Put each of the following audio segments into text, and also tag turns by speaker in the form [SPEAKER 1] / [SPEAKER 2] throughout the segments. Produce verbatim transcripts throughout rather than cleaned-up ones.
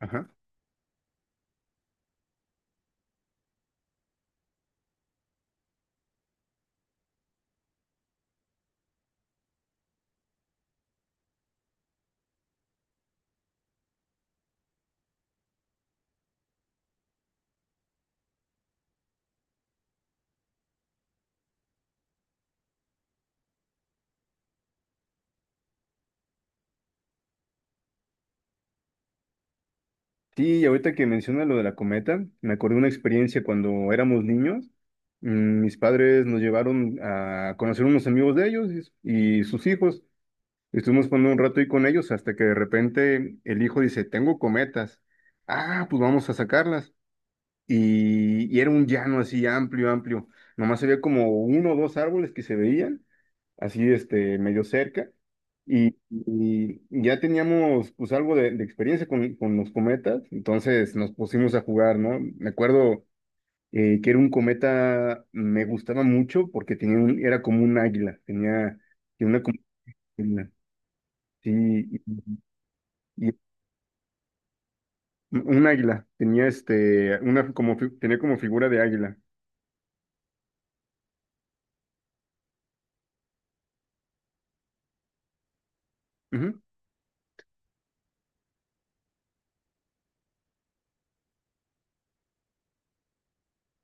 [SPEAKER 1] Ajá. Sí, y ahorita que menciona lo de la cometa, me acordé de una experiencia cuando éramos niños. Mm, Mis padres nos llevaron a conocer unos amigos de ellos y y sus hijos. Estuvimos jugando un rato ahí con ellos hasta que de repente el hijo dice, tengo cometas. Ah, pues vamos a sacarlas. Y, y era un llano así amplio, amplio. Nomás había como uno o dos árboles que se veían, así este, medio cerca, y, y ya teníamos pues algo de, de experiencia con, con los cometas, entonces nos pusimos a jugar, ¿no? Me acuerdo eh, que era un cometa, me gustaba mucho porque tenía un- era como un águila, tenía, tenía una como águila, sí, y, y un águila, tenía este, una como, fi- tenía como figura de águila, ujú,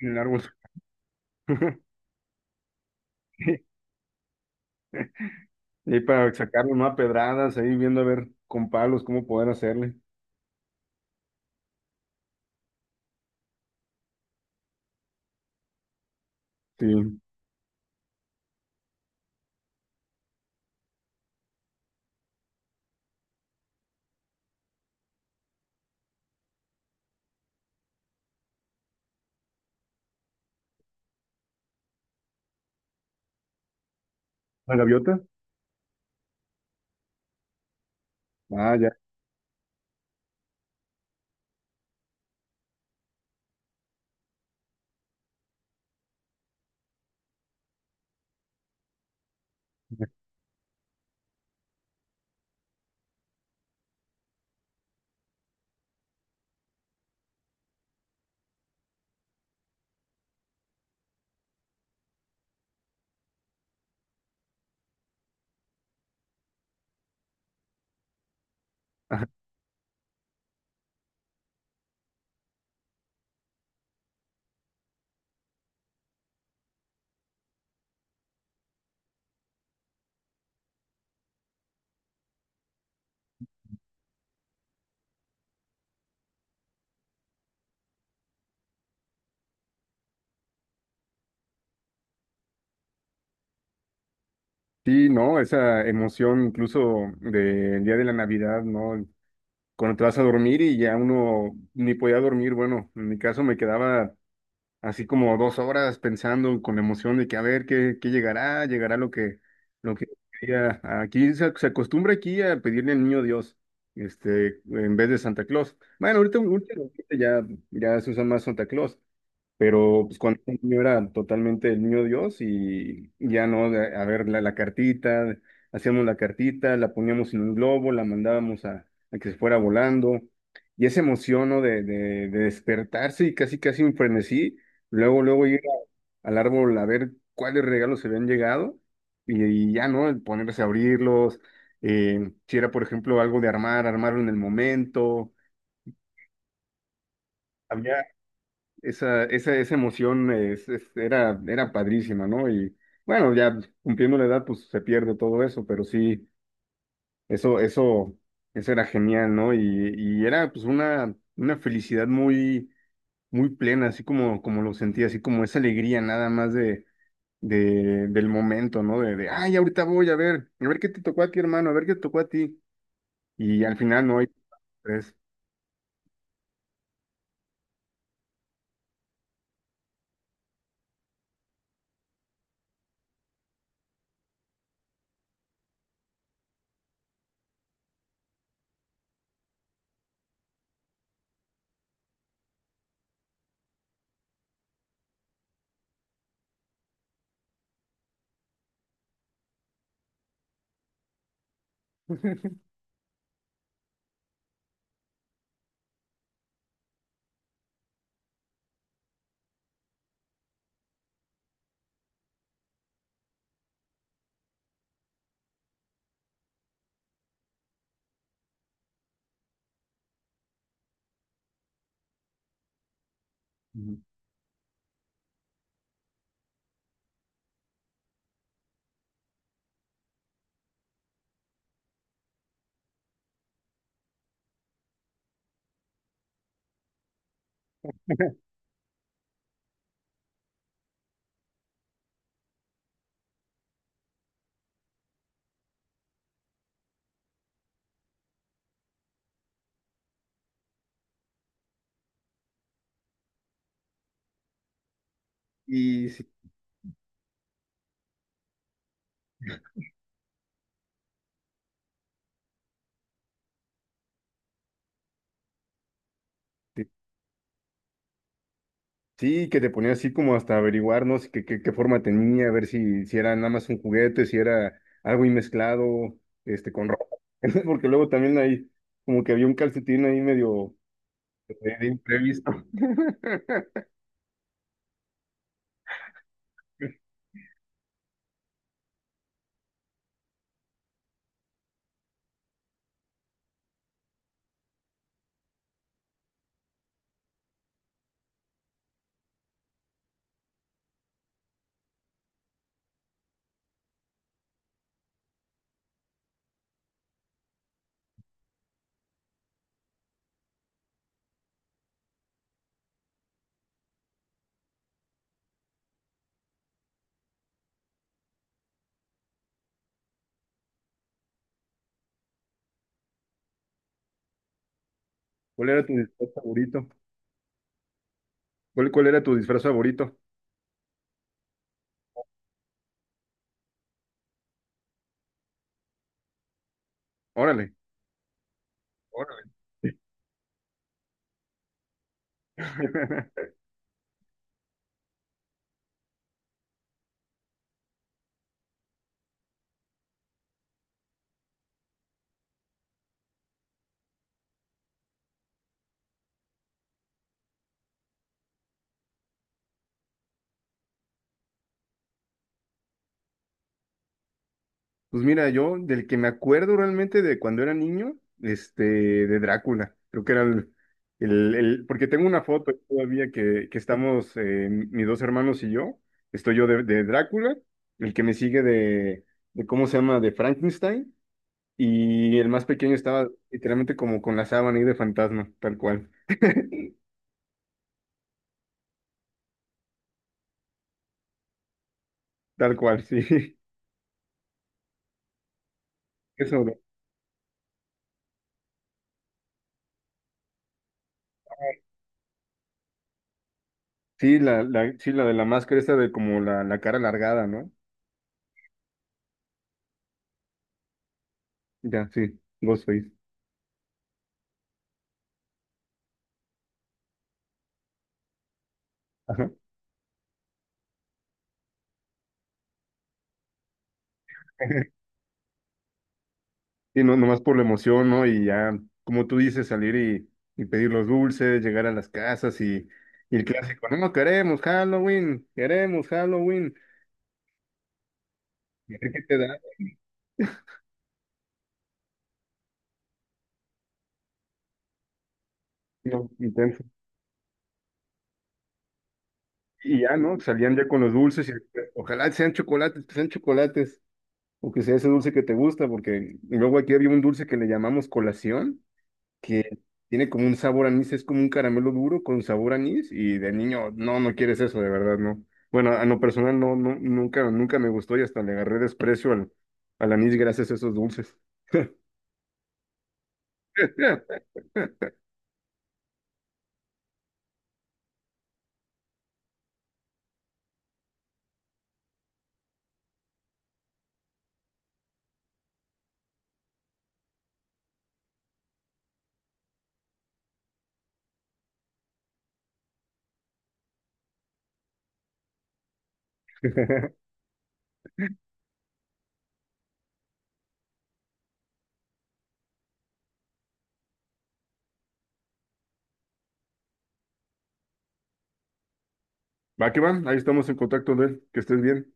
[SPEAKER 1] en el árbol. Y para sacarlo, ¿no? A pedradas, ahí viendo a ver con palos cómo poder hacerle. Sí. ¿La gaviota? Ah, ya. Sí, no, esa emoción incluso del día de la Navidad, ¿no? Cuando te vas a dormir y ya uno ni podía dormir, bueno, en mi caso me quedaba así como dos horas pensando con la emoción de que a ver qué, qué llegará, llegará lo que, lo que quería. Aquí se, se acostumbra aquí a pedirle al niño Dios, este, en vez de Santa Claus. Bueno, ahorita, ahorita ya, ya se usa más Santa Claus, pero pues cuando era niño era totalmente el niño Dios. Y ya no, de- a ver, la, la cartita, hacíamos la cartita, la poníamos en un globo, la mandábamos a, a que se fuera volando. Y esa emoción, ¿no? de, de, de despertarse y casi, casi un frenesí, luego, luego ir a- al árbol a ver cuáles regalos se habían llegado y, y ya, ¿no? El ponerse a abrirlos. Eh, si era, por ejemplo, algo de armar, armarlo en el momento. Esa, esa, esa emoción es- es- era, era padrísima, ¿no? Y bueno, ya cumpliendo la edad, pues se pierde todo eso, pero sí, eso, eso, eso era genial, ¿no? Y, y era pues una, una felicidad muy, muy plena, así como, como lo sentía, así como esa alegría nada más de, de, del momento, ¿no? De, de, ay, ahorita voy a ver, a ver qué te tocó a ti, hermano, a ver qué te tocó a ti. Y al final no hay tres. Ujú. Y sí. Sí, que te ponía así como hasta averiguar, ¿no? Si qué, qué, qué forma tenía, a ver si, si era nada más un juguete, si era algo ahí mezclado, este, con ropa. Porque luego también ahí, como que había un calcetín ahí medio eh, de imprevisto. ¿Cuál era tu disfraz favorito? ¿Cuál, cuál era tu disfraz favorito? Órale. Órale. Pues mira, yo del que me acuerdo realmente de cuando era niño, este, de Drácula, creo que era el, el, el- porque tengo una foto todavía que, que estamos, eh, mis dos hermanos y yo, estoy yo de, de Drácula, el que me sigue de, de, ¿cómo se llama?, de Frankenstein, y el más pequeño estaba literalmente como con la sábana ahí de fantasma, tal cual, tal cual, sí, eso, de- sí, la, la, sí, la de la máscara esta de como la, la cara alargada, ¿no? Ya, sí, Ghostface, ajá. Y no, nomás por la emoción, ¿no? Y ya, como tú dices, salir y, y pedir los dulces, llegar a las casas y, y el clásico, no, no queremos Halloween, queremos Halloween, y a ver qué te da, ¿no? Intenso. Y ya, ¿no? Salían ya con los dulces y ojalá sean chocolates, que sean chocolates, o que sea ese dulce que te gusta, porque luego aquí había un dulce que le llamamos colación que tiene como un sabor a anís, es como un caramelo duro con sabor a anís y de niño, no, no quieres eso, de verdad, no. Bueno, a lo personal no, no, nunca, nunca me gustó y hasta le agarré desprecio al, al anís gracias a esos dulces. Va que va, ahí estamos en contacto de él, que estés bien.